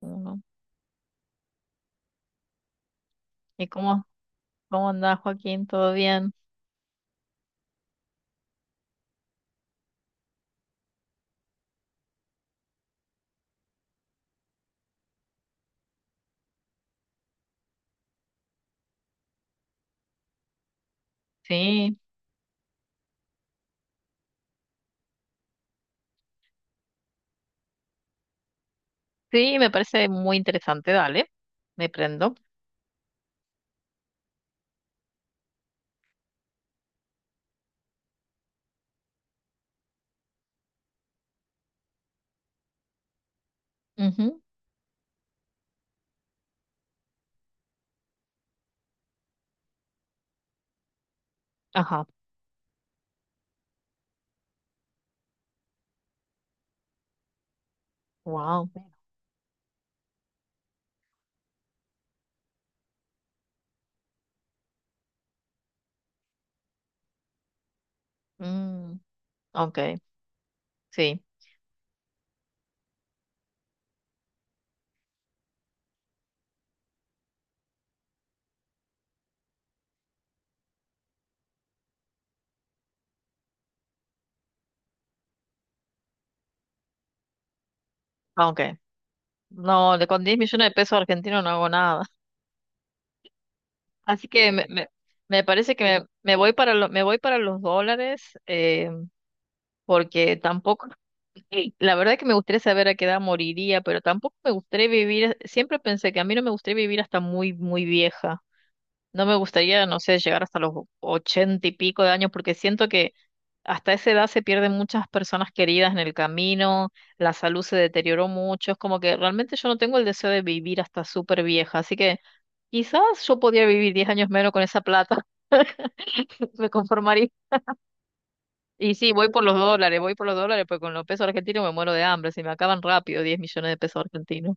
Ujú. ¿Y cómo andás, Joaquín? ¿Todo bien? Sí, sí, me parece muy interesante. Dale, me prendo. Ujú. Ajá, wow. Mm, ok, sí, ah, ok. No, de con 10 millones de pesos argentinos no hago nada. Así que me parece que me voy para me voy para los dólares, porque tampoco, y la verdad que me gustaría saber a qué edad moriría, pero tampoco me gustaría vivir, siempre pensé que a mí no me gustaría vivir hasta muy, muy vieja. No me gustaría, no sé, llegar hasta los ochenta y pico de años, porque siento que hasta esa edad se pierden muchas personas queridas en el camino, la salud se deterioró mucho, es como que realmente yo no tengo el deseo de vivir hasta súper vieja, así que quizás yo podría vivir 10 años menos con esa plata, me conformaría. Y sí, voy por los dólares, voy por los dólares, porque con los pesos argentinos me muero de hambre, se me acaban rápido 10 millones de pesos argentinos.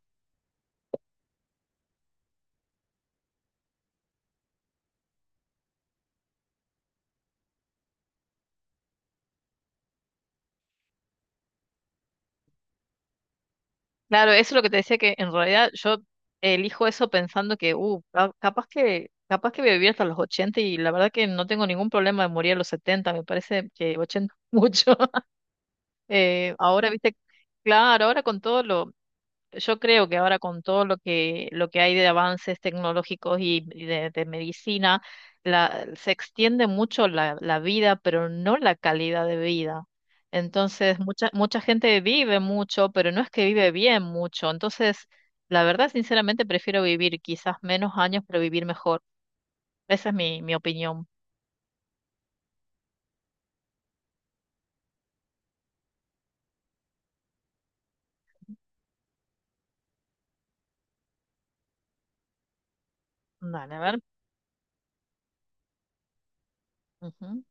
Claro, eso es lo que te decía que en realidad yo elijo eso pensando que, capaz que voy a vivir hasta los 80 y la verdad que no tengo ningún problema de morir a los 70, me parece que 80 mucho. Ahora, viste, claro, ahora con todo lo, yo creo que ahora con todo lo que hay de avances tecnológicos y de medicina, se extiende mucho la vida, pero no la calidad de vida. Entonces, mucha, mucha gente vive mucho, pero no es que vive bien mucho. Entonces, la verdad, sinceramente, prefiero vivir quizás menos años, pero vivir mejor. Esa es mi opinión. Dale, a ver. Ujú,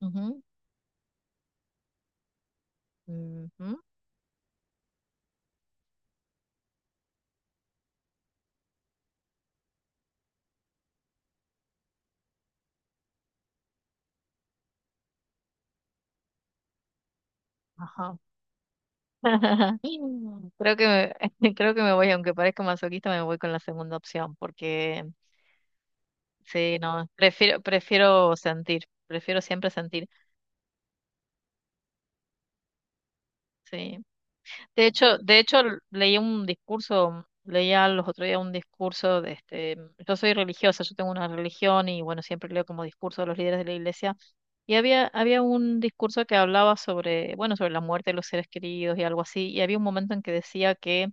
ujú, ujú, ajá. Creo que me, creo que me voy, aunque parezca masoquista, me voy con la segunda opción, porque sí, no, prefiero, prefiero sentir, prefiero siempre sentir, sí. De hecho, leí un discurso, leía los otros días un discurso de este, yo soy religiosa, yo tengo una religión y bueno, siempre leo como discurso de los líderes de la iglesia. Y había un discurso que hablaba sobre, bueno, sobre la muerte de los seres queridos y algo así, y había un momento en que decía que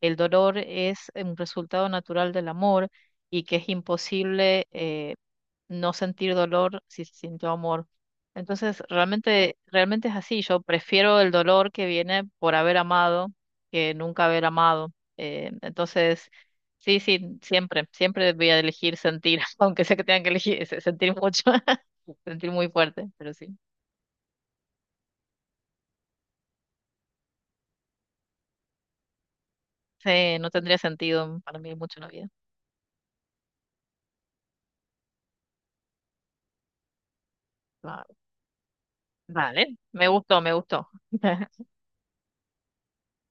el dolor es un resultado natural del amor y que es imposible no sentir dolor si se sintió amor. Entonces, realmente es así. Yo prefiero el dolor que viene por haber amado que nunca haber amado. Entonces, sí, sí, siempre, siempre voy a elegir sentir, aunque sé que tengan que elegir sentir mucho sentir muy fuerte, pero sí. Sí, no tendría sentido para mí mucho en la vida. Va- Vale, me gustó, me gustó.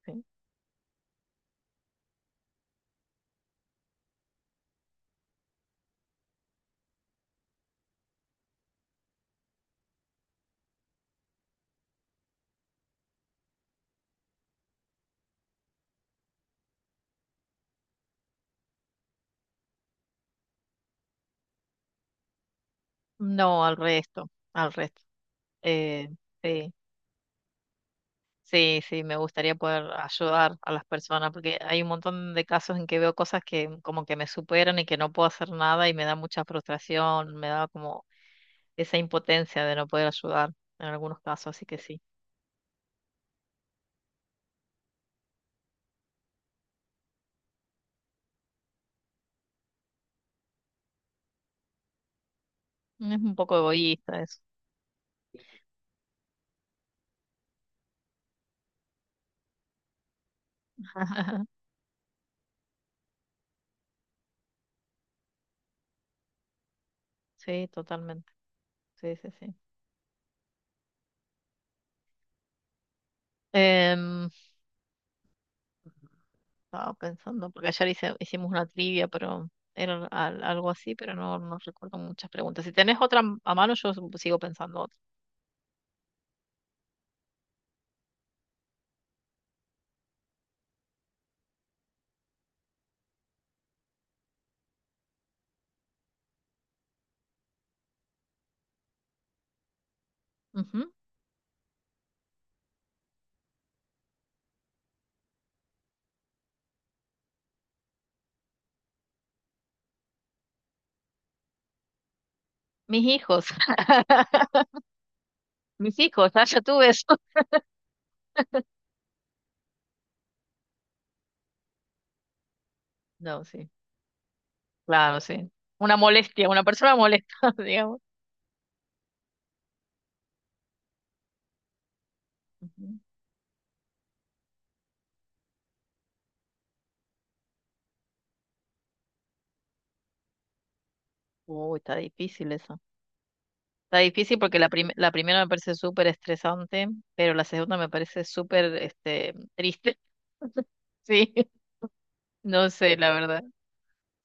Sí. No, al resto, al resto. Eh, sí, sí, sí, me gustaría poder ayudar a las personas porque hay un montón de casos en que veo cosas que como que me superan y que no puedo hacer nada y me da mucha frustración, me da como esa impotencia de no poder ayudar en algunos casos, así que sí. Es un poco egoísta eso. Sí, totalmente. Sí, sí, sí. Em, estaba pensando, porque ayer hicimos una trivia, pero era algo así, pero no recuerdo muchas preguntas. Si tenés otra a mano, yo sigo pensando otra. Ujú. Mis hijos. Mis hijos, ah, ya tuve eso. No, sí. Claro, sí. Una molestia, una persona molesta, digamos. Ujú. Uy, está difícil eso. Está difícil porque la primera me parece súper estresante, pero la segunda me parece súper este, triste. Sí, no sé, la verdad.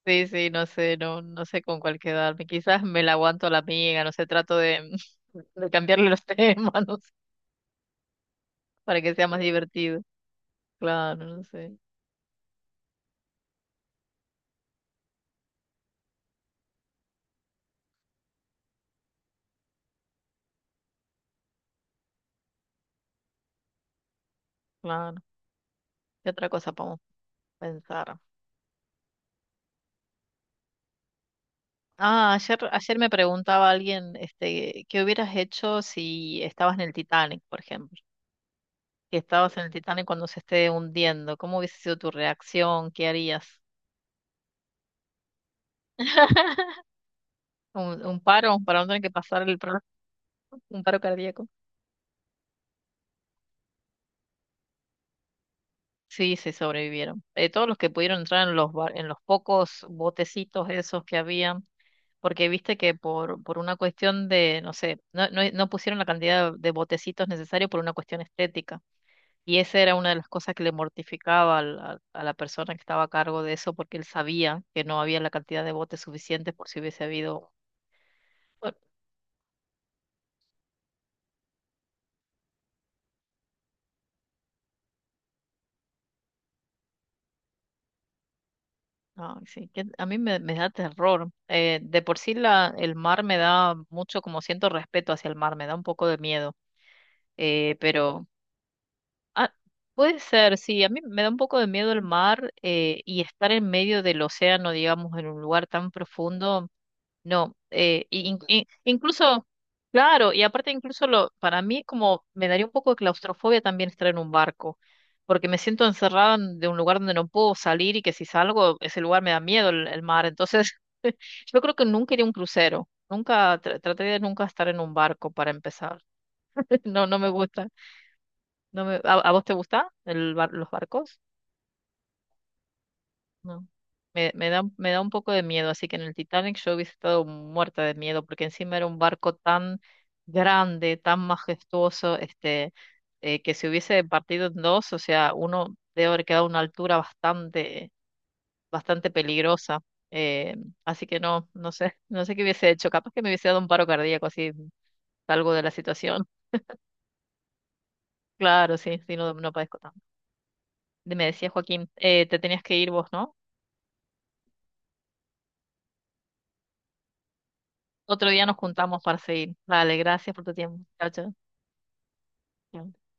Sí, sí, no sé, no sé con cuál quedarme. Quizás me la aguanto a la amiga, no sé, trato de, de cambiarle los temas, no sé, para que sea más divertido. Claro, no sé, claro. ¿Qué otra cosa podemos pensar? Ah, ayer me preguntaba alguien, este, ¿qué hubieras hecho si estabas en el Titanic, por ejemplo? Si estabas en el Titanic cuando se esté hundiendo, ¿cómo hubiese sido tu reacción? ¿Qué harías? ¿Un paro para no tener que pasar el, un paro cardíaco? Sí, sí, sobrevivieron. Todos los que pudieron entrar en los pocos botecitos esos que había, porque viste que por una cuestión de, no sé, no pusieron la cantidad de botecitos necesarios por una cuestión estética. Y esa era una de las cosas que le mortificaba a la persona que estaba a cargo de eso, porque él sabía que no había la cantidad de botes suficientes por si hubiese habido... Bueno, no, sí, que a mí me da terror. De por sí el mar me da mucho, como siento respeto hacia el mar, me da un poco de miedo pero ah, puede ser, sí, a mí me da un poco de miedo el mar y estar en medio del océano, digamos, en un lugar tan profundo, no, y incluso, claro, y aparte incluso lo, para mí como me daría un poco de claustrofobia también estar en un barco, porque me siento encerrada en- de un lugar donde no puedo salir y que si salgo, ese lugar me da miedo el mar, entonces yo creo que nunca iría a un crucero. Nunca, traté de nunca estar en un barco para empezar. No, no me gusta. No me, ¿A vos te gusta los barcos? No. Me, me da un poco de miedo, así que en el Titanic yo hubiese estado muerta de miedo, porque encima era un barco tan grande, tan majestuoso, este, que si hubiese partido en dos, o sea, uno debe haber quedado a una altura bastante, bastante peligrosa. eh, así que no, no sé, no sé qué hubiese hecho. Capaz que me hubiese dado un paro cardíaco, así salgo de la situación. Claro, sí, sí, no, no padezco tanto. Me decía Joaquín, te tenías que ir vos, ¿no? Otro día nos juntamos para seguir. Dale, gracias por tu tiempo. Chao, chao. Chao.